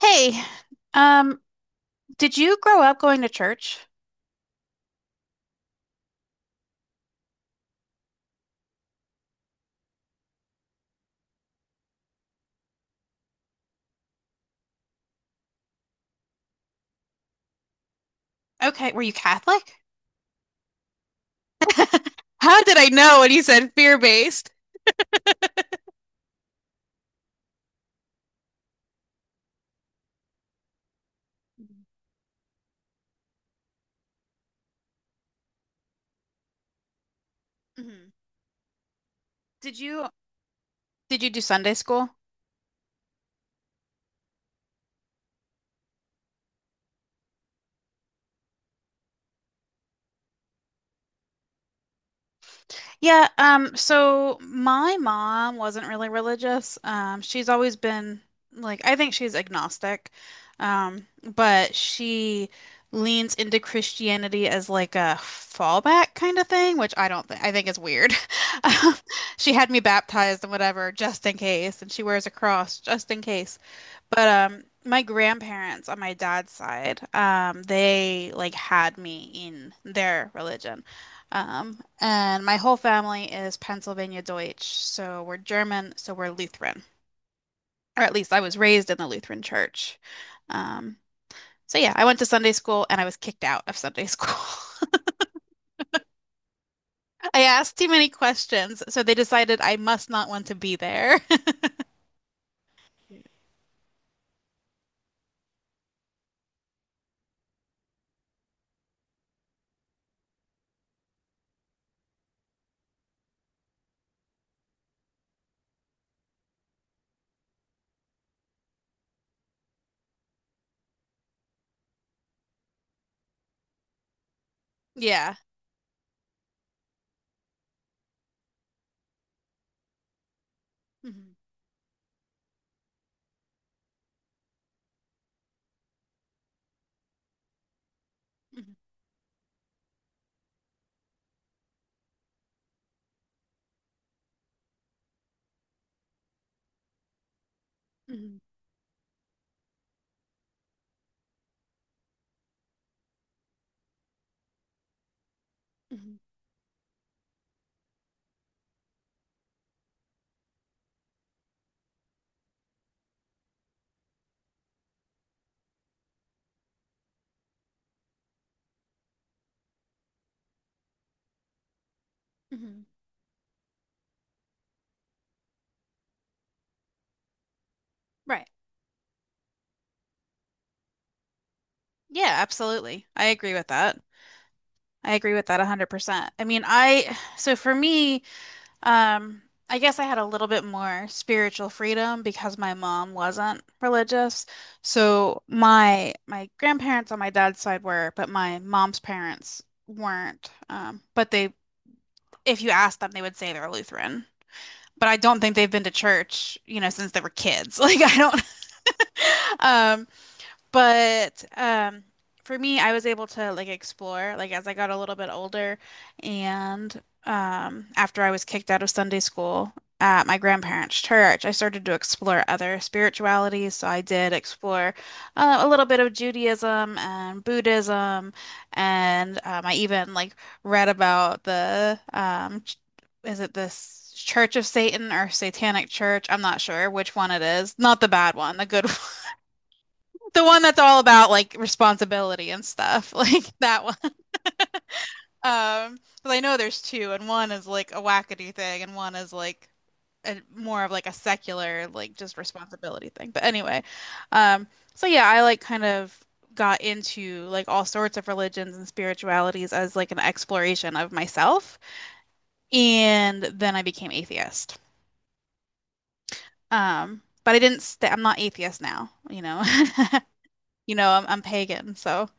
Hey, um, did you grow up going to church? Okay, were you Catholic? How did I know when you said fear-based? Mhm. Did you did you do Sunday school? Yeah, so my mom wasn't really religious. She's always been like I think she's agnostic. But she leans into Christianity as like a fallback kind of thing, which I don't think I think is weird. She had me baptized and whatever just in case, and she wears a cross just in case. But my grandparents on my dad's side, they like had me in their religion. And my whole family is Pennsylvania Deutsch, so we're German, so we're Lutheran. Or at least I was raised in the Lutheran church. Um, so I went to Sunday school and I was kicked out of Sunday school. I asked too many questions, so they decided I must not want to be there. Yeah. hmm hmm hmm hmm hmm Right. Yeah, absolutely. I agree with that. I agree with that 100%. I mean, so for me, um, I guess I had a little bit more spiritual freedom because my mom wasn't religious. So my grandparents on my dad's side were, but my mom's parents weren't. But if you asked them, they would say they're Lutheran. But I don't think they've been to church, since they were kids. Like I don't. But for me, I was able to like explore like as I got a little bit older, and after I was kicked out of Sunday school at my grandparents' church, I started to explore other spiritualities. So I did explore a little bit of Judaism and Buddhism, and I even like read about the is it this Church of Satan or Satanic Church? I'm not sure which one it is. Not the bad one, the good the one that's all about like responsibility and stuff, like that one. Because I know there's two, and one is like a wackadoo thing, and one is like a, more of like a secular, like just responsibility thing. But anyway, um, I like kind of got into like all sorts of religions and spiritualities as like an exploration of myself, and then I became atheist. But I didn't stay, I'm not atheist now, you know. You know, I'm pagan, so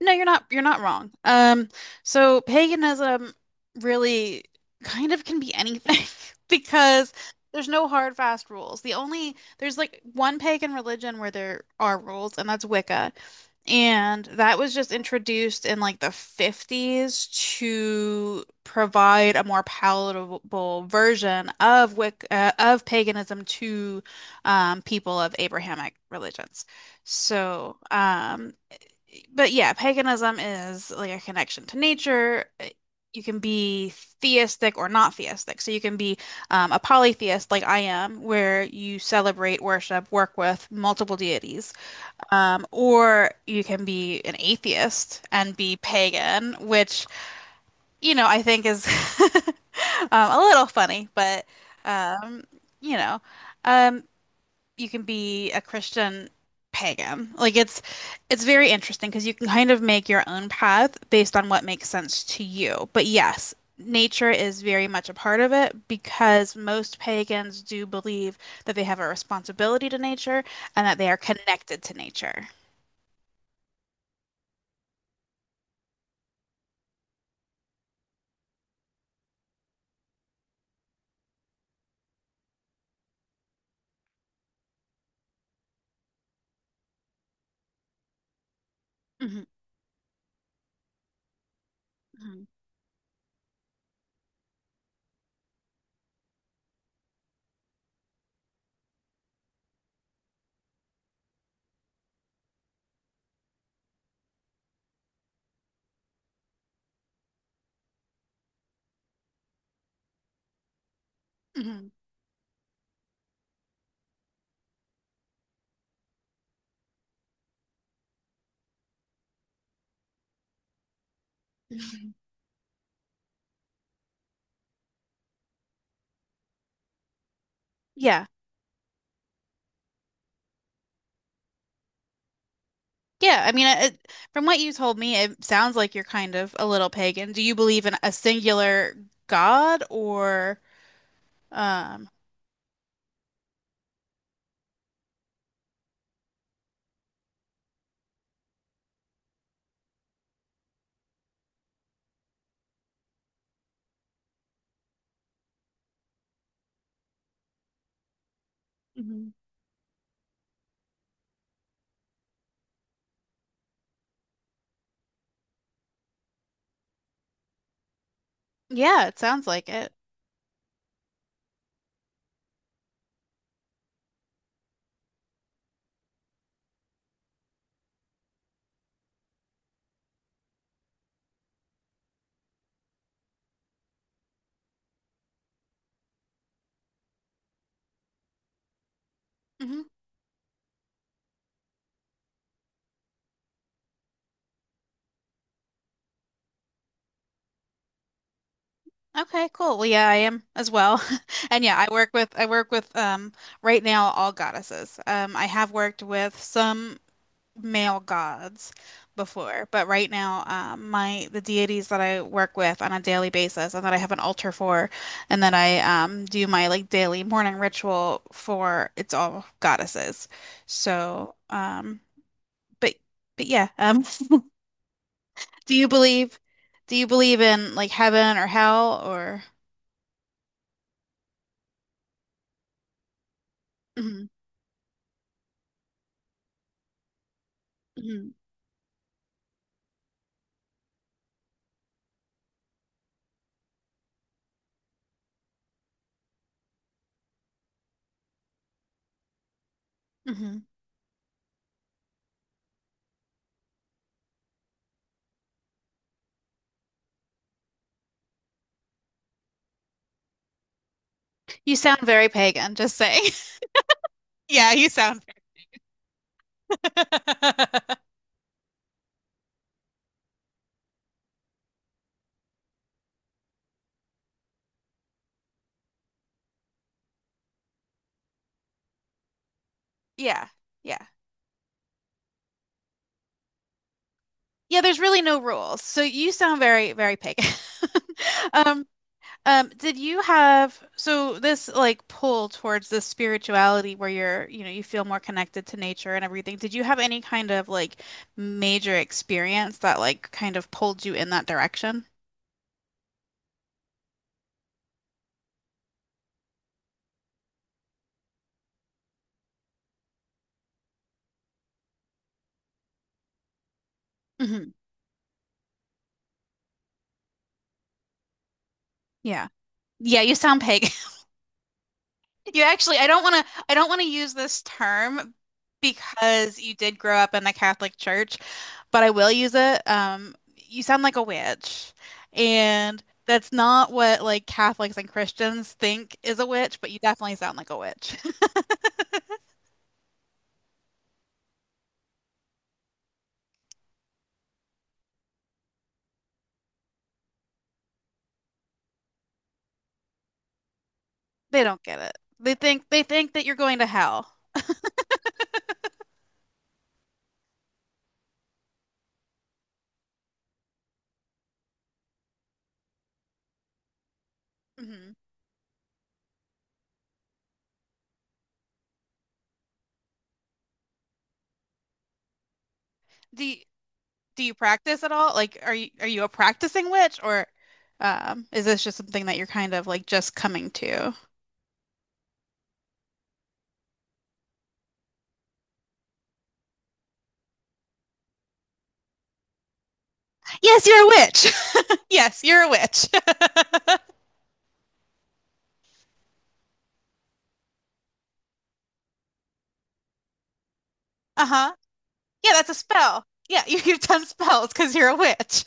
No, you're not wrong. So paganism really kind of can be anything because there's no hard fast rules. The only there's like one pagan religion where there are rules, and that's Wicca. And that was just introduced in like the 50s to provide a more palatable version of Wicca, of paganism to people of Abrahamic religions. So, but yeah, paganism is like a connection to nature. You can be theistic or not theistic. So you can be a polytheist like I am, where you celebrate, worship, work with multiple deities. Or you can be an atheist and be pagan, which, you know, I think is a little funny, but, um, you know. Um, you can be a Christian pagan. Like it's very interesting because you can kind of make your own path based on what makes sense to you. But yes, nature is very much a part of it because most pagans do believe that they have a responsibility to nature and that they are connected to nature. hmm hmm hmm hmm Yeah. Yeah, I mean, it, from what you told me, it sounds like you're kind of a little pagan. Do you believe in a singular god or um Yeah, it sounds like it. hmm Okay, cool. Well, yeah, I am as well. And yeah, I work with right now all goddesses. I have worked with some male gods before, but right now my the deities that I work with on a daily basis and that I have an altar for and that I do my like daily morning ritual for it's all goddesses. So, but but yeah, Do you believe do you believe in like heaven or hell or Mhm, mhm, mhm. You sound very pagan, just saying. Yeah, you sound yeah, yeah. Yeah, there's really no rules. So you sound very, very pagan. Um, did you have so this like pull towards this spirituality where you're, you know, you feel more connected to nature and everything. Did you have any kind of like major experience that like kind of pulled you in that direction? hmm Yeah. Yeah, you sound pagan. You actually, I don't want to, I don't want to use this term because you did grow up in the Catholic Church, but I will use it. You sound like a witch, and that's not what like Catholics and Christians think is a witch, but you definitely sound like a witch. They don't get it. They think that you're going to hell. hmm Do you, do you practice at all? Like, are you a practicing witch, or is this just something that you're kind of like just coming to? Yes, you're a witch. Yes, you're a witch. Uh-huh. Yeah, that's a spell. Yeah, you've done spells because you're a witch.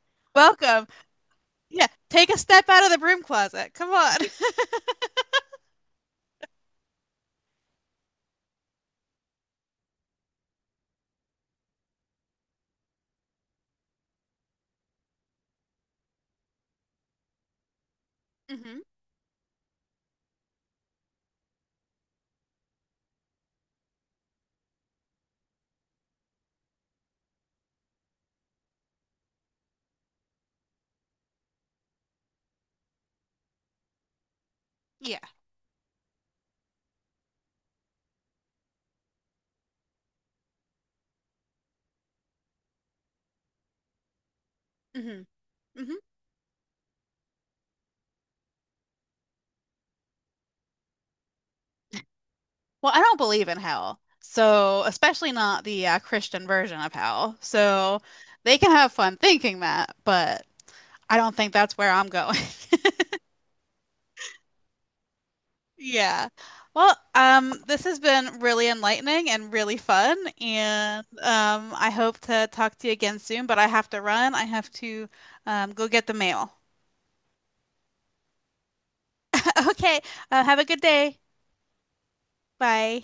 Welcome. Yeah, take a step out of the broom closet. Come on. hmm Yeah. hmm hmm Well, I don't believe in hell, so especially not the Christian version of hell. So they can have fun thinking that, but I don't think that's where I'm going. Yeah. Well, this has been really enlightening and really fun, and I hope to talk to you again soon, but I have to run. I have to go get the mail. Okay, have a good day. Bye.